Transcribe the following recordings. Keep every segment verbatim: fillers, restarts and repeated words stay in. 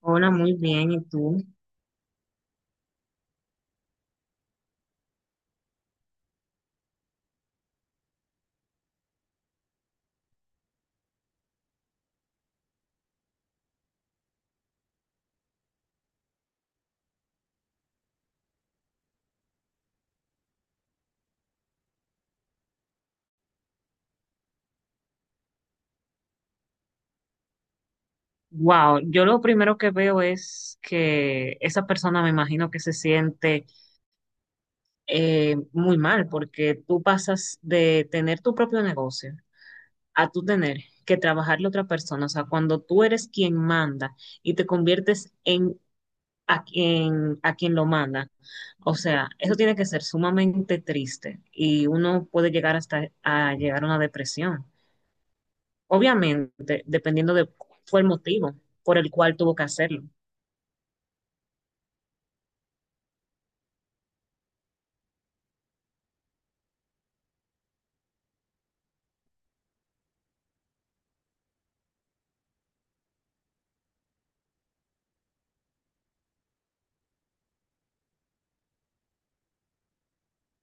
Hola, muy bien. ¿Y tú? Wow, yo lo primero que veo es que esa persona me imagino que se siente eh, muy mal porque tú pasas de tener tu propio negocio a tú tener que trabajarle a otra persona. O sea, cuando tú eres quien manda y te conviertes en a quien, a quien lo manda. O sea, eso tiene que ser sumamente triste y uno puede llegar hasta a llegar a una depresión. Obviamente, dependiendo de cuál fue el motivo por el cual tuvo que hacerlo.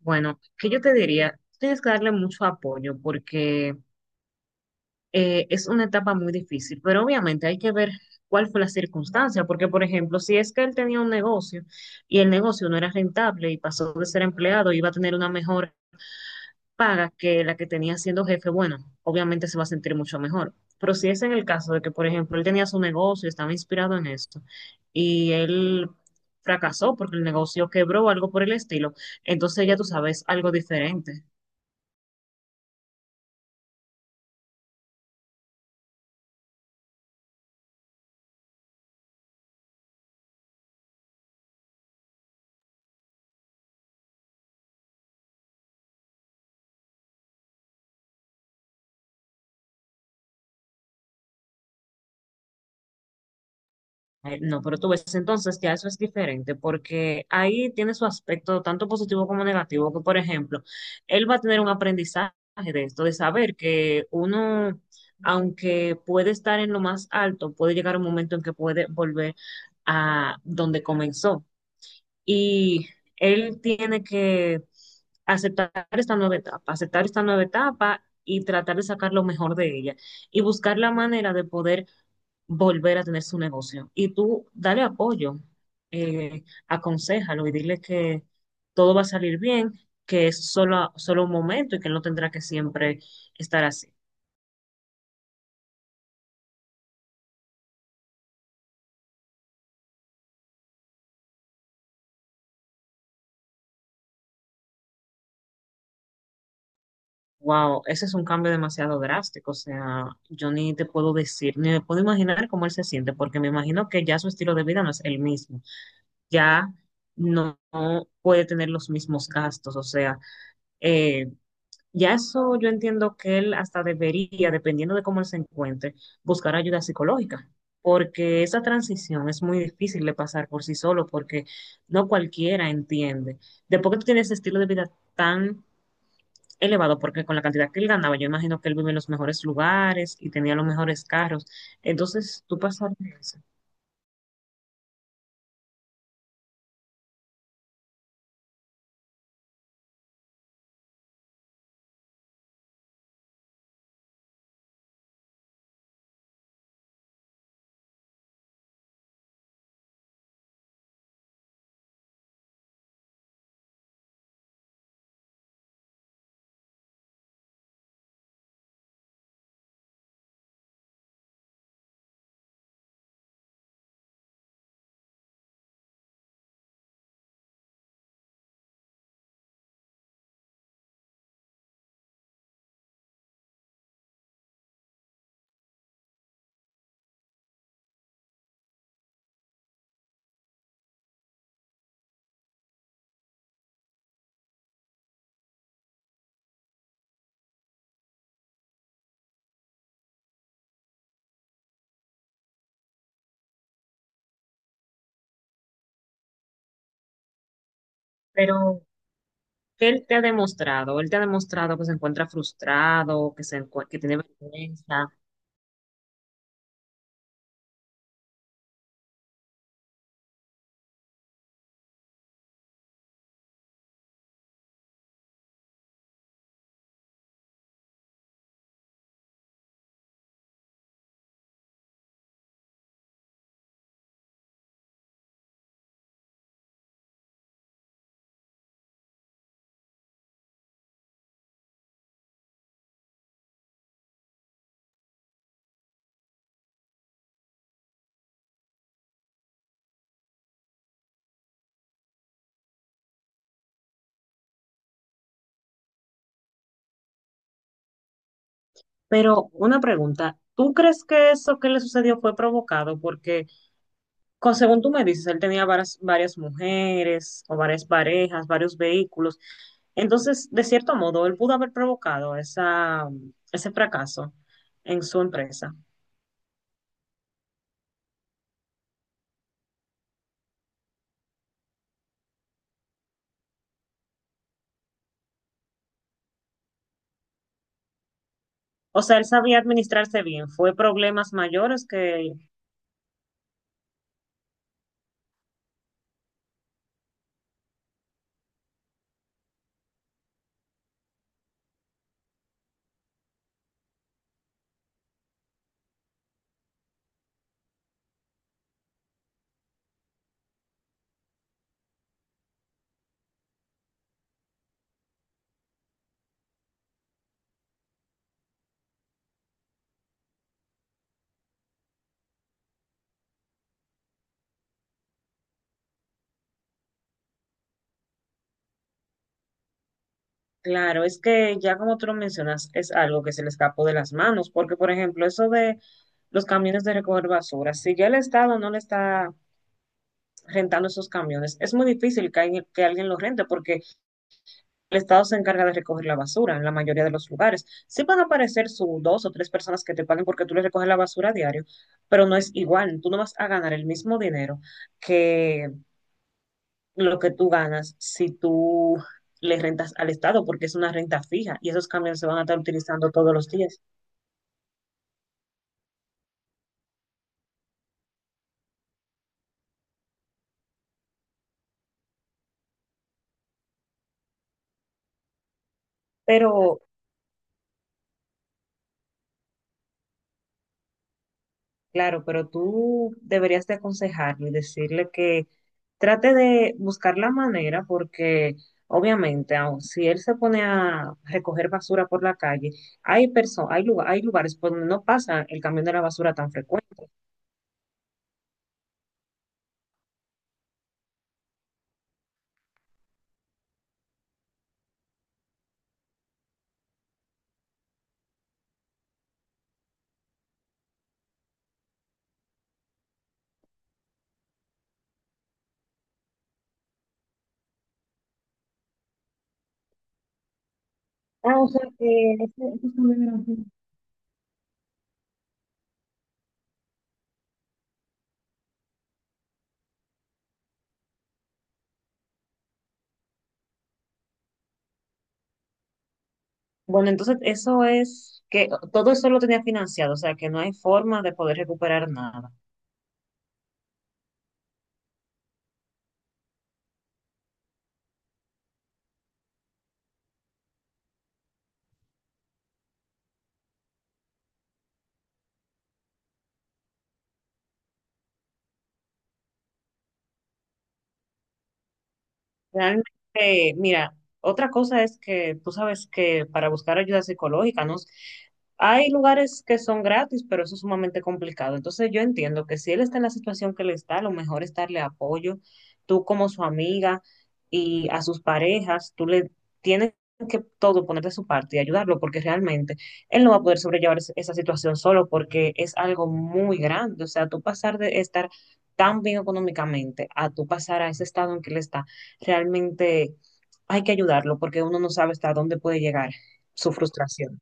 Bueno, que yo te diría, tienes que darle mucho apoyo porque eh, es una etapa muy difícil, pero obviamente hay que ver cuál fue la circunstancia, porque por ejemplo, si es que él tenía un negocio y el negocio no era rentable y pasó de ser empleado, iba a tener una mejora paga que la que tenía siendo jefe, bueno, obviamente se va a sentir mucho mejor. Pero si es en el caso de que, por ejemplo, él tenía su negocio, estaba inspirado en esto, y él fracasó porque el negocio quebró o algo por el estilo, entonces ya tú sabes algo diferente. Ay, no, pero tú ves entonces ya eso es diferente porque ahí tiene su aspecto tanto positivo como negativo, que por ejemplo, él va a tener un aprendizaje de esto, de saber que uno, aunque puede estar en lo más alto, puede llegar un momento en que puede volver a donde comenzó. Y él tiene que aceptar esta nueva etapa, aceptar esta nueva etapa y tratar de sacar lo mejor de ella y buscar la manera de poder volver a tener su negocio. Y tú dale apoyo, eh, aconséjalo y dile que todo va a salir bien, que es solo, solo un momento y que no tendrá que siempre estar así. Wow, ese es un cambio demasiado drástico. O sea, yo ni te puedo decir, ni me puedo imaginar cómo él se siente, porque me imagino que ya su estilo de vida no es el mismo. Ya no, no puede tener los mismos gastos. O sea, eh, ya eso yo entiendo que él hasta debería, dependiendo de cómo él se encuentre, buscar ayuda psicológica, porque esa transición es muy difícil de pasar por sí solo, porque no cualquiera entiende. Después que tú tienes ese estilo de vida tan elevado, porque con la cantidad que él ganaba, yo imagino que él vive en los mejores lugares y tenía los mejores carros, entonces tú pasar por eso. Pero, ¿qué él te ha demostrado? Él te ha demostrado que se encuentra frustrado, que, se encue- que tiene vergüenza. Pero una pregunta, ¿tú crees que eso que le sucedió fue provocado? Porque, co- según tú me dices, él tenía varias, varias mujeres o varias parejas, varios vehículos. Entonces, de cierto modo, él pudo haber provocado esa, ese fracaso en su empresa. O sea, él sabía administrarse bien. Fue problemas mayores que, claro, es que ya como tú lo mencionas, es algo que se le escapó de las manos. Porque, por ejemplo, eso de los camiones de recoger basura, si ya el Estado no le está rentando esos camiones. Es muy difícil que alguien, que alguien los rente porque el Estado se encarga de recoger la basura en la mayoría de los lugares. Sí van a aparecer sus dos o tres personas que te paguen porque tú les recoges la basura a diario, pero no es igual. Tú no vas a ganar el mismo dinero que lo que tú ganas si tú le rentas al Estado porque es una renta fija y esos camiones se van a estar utilizando todos los días. Pero claro, pero tú deberías de aconsejarlo y decirle que trate de buscar la manera porque obviamente aun si él se pone a recoger basura por la calle, hay personas, hay lugar, hay lugares por donde no pasa el camión de la basura tan frecuente. Ah, o sea que ese- esos camiones eran así. Bueno, entonces eso es que todo eso lo tenía financiado, o sea que no hay forma de poder recuperar nada. Realmente, mira, otra cosa es que tú sabes que para buscar ayuda psicológica, ¿no? Hay lugares que son gratis, pero eso es sumamente complicado. Entonces yo entiendo que si él está en la situación que le está, lo mejor es darle apoyo. Tú como su amiga y a sus parejas, tú le tienes que todo poner de su parte y ayudarlo, porque realmente él no va a poder sobrellevar es- esa situación solo, porque es algo muy grande. O sea, tú pasar de estar tan bien económicamente a tú pasar a ese estado en que él está realmente hay que ayudarlo porque uno no sabe hasta dónde puede llegar su frustración.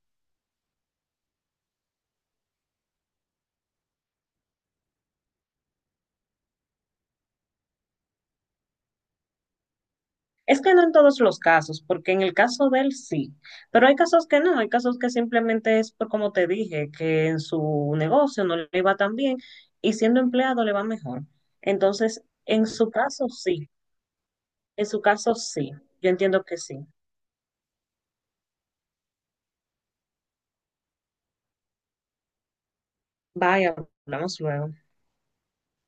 Es que no en todos los casos, porque en el caso de él sí, pero hay casos que no, hay casos que simplemente es por como te dije, que en su negocio no le iba tan bien y siendo empleado le va mejor. Entonces, en su caso sí, en su caso sí, yo entiendo que sí. Vaya, hablamos luego.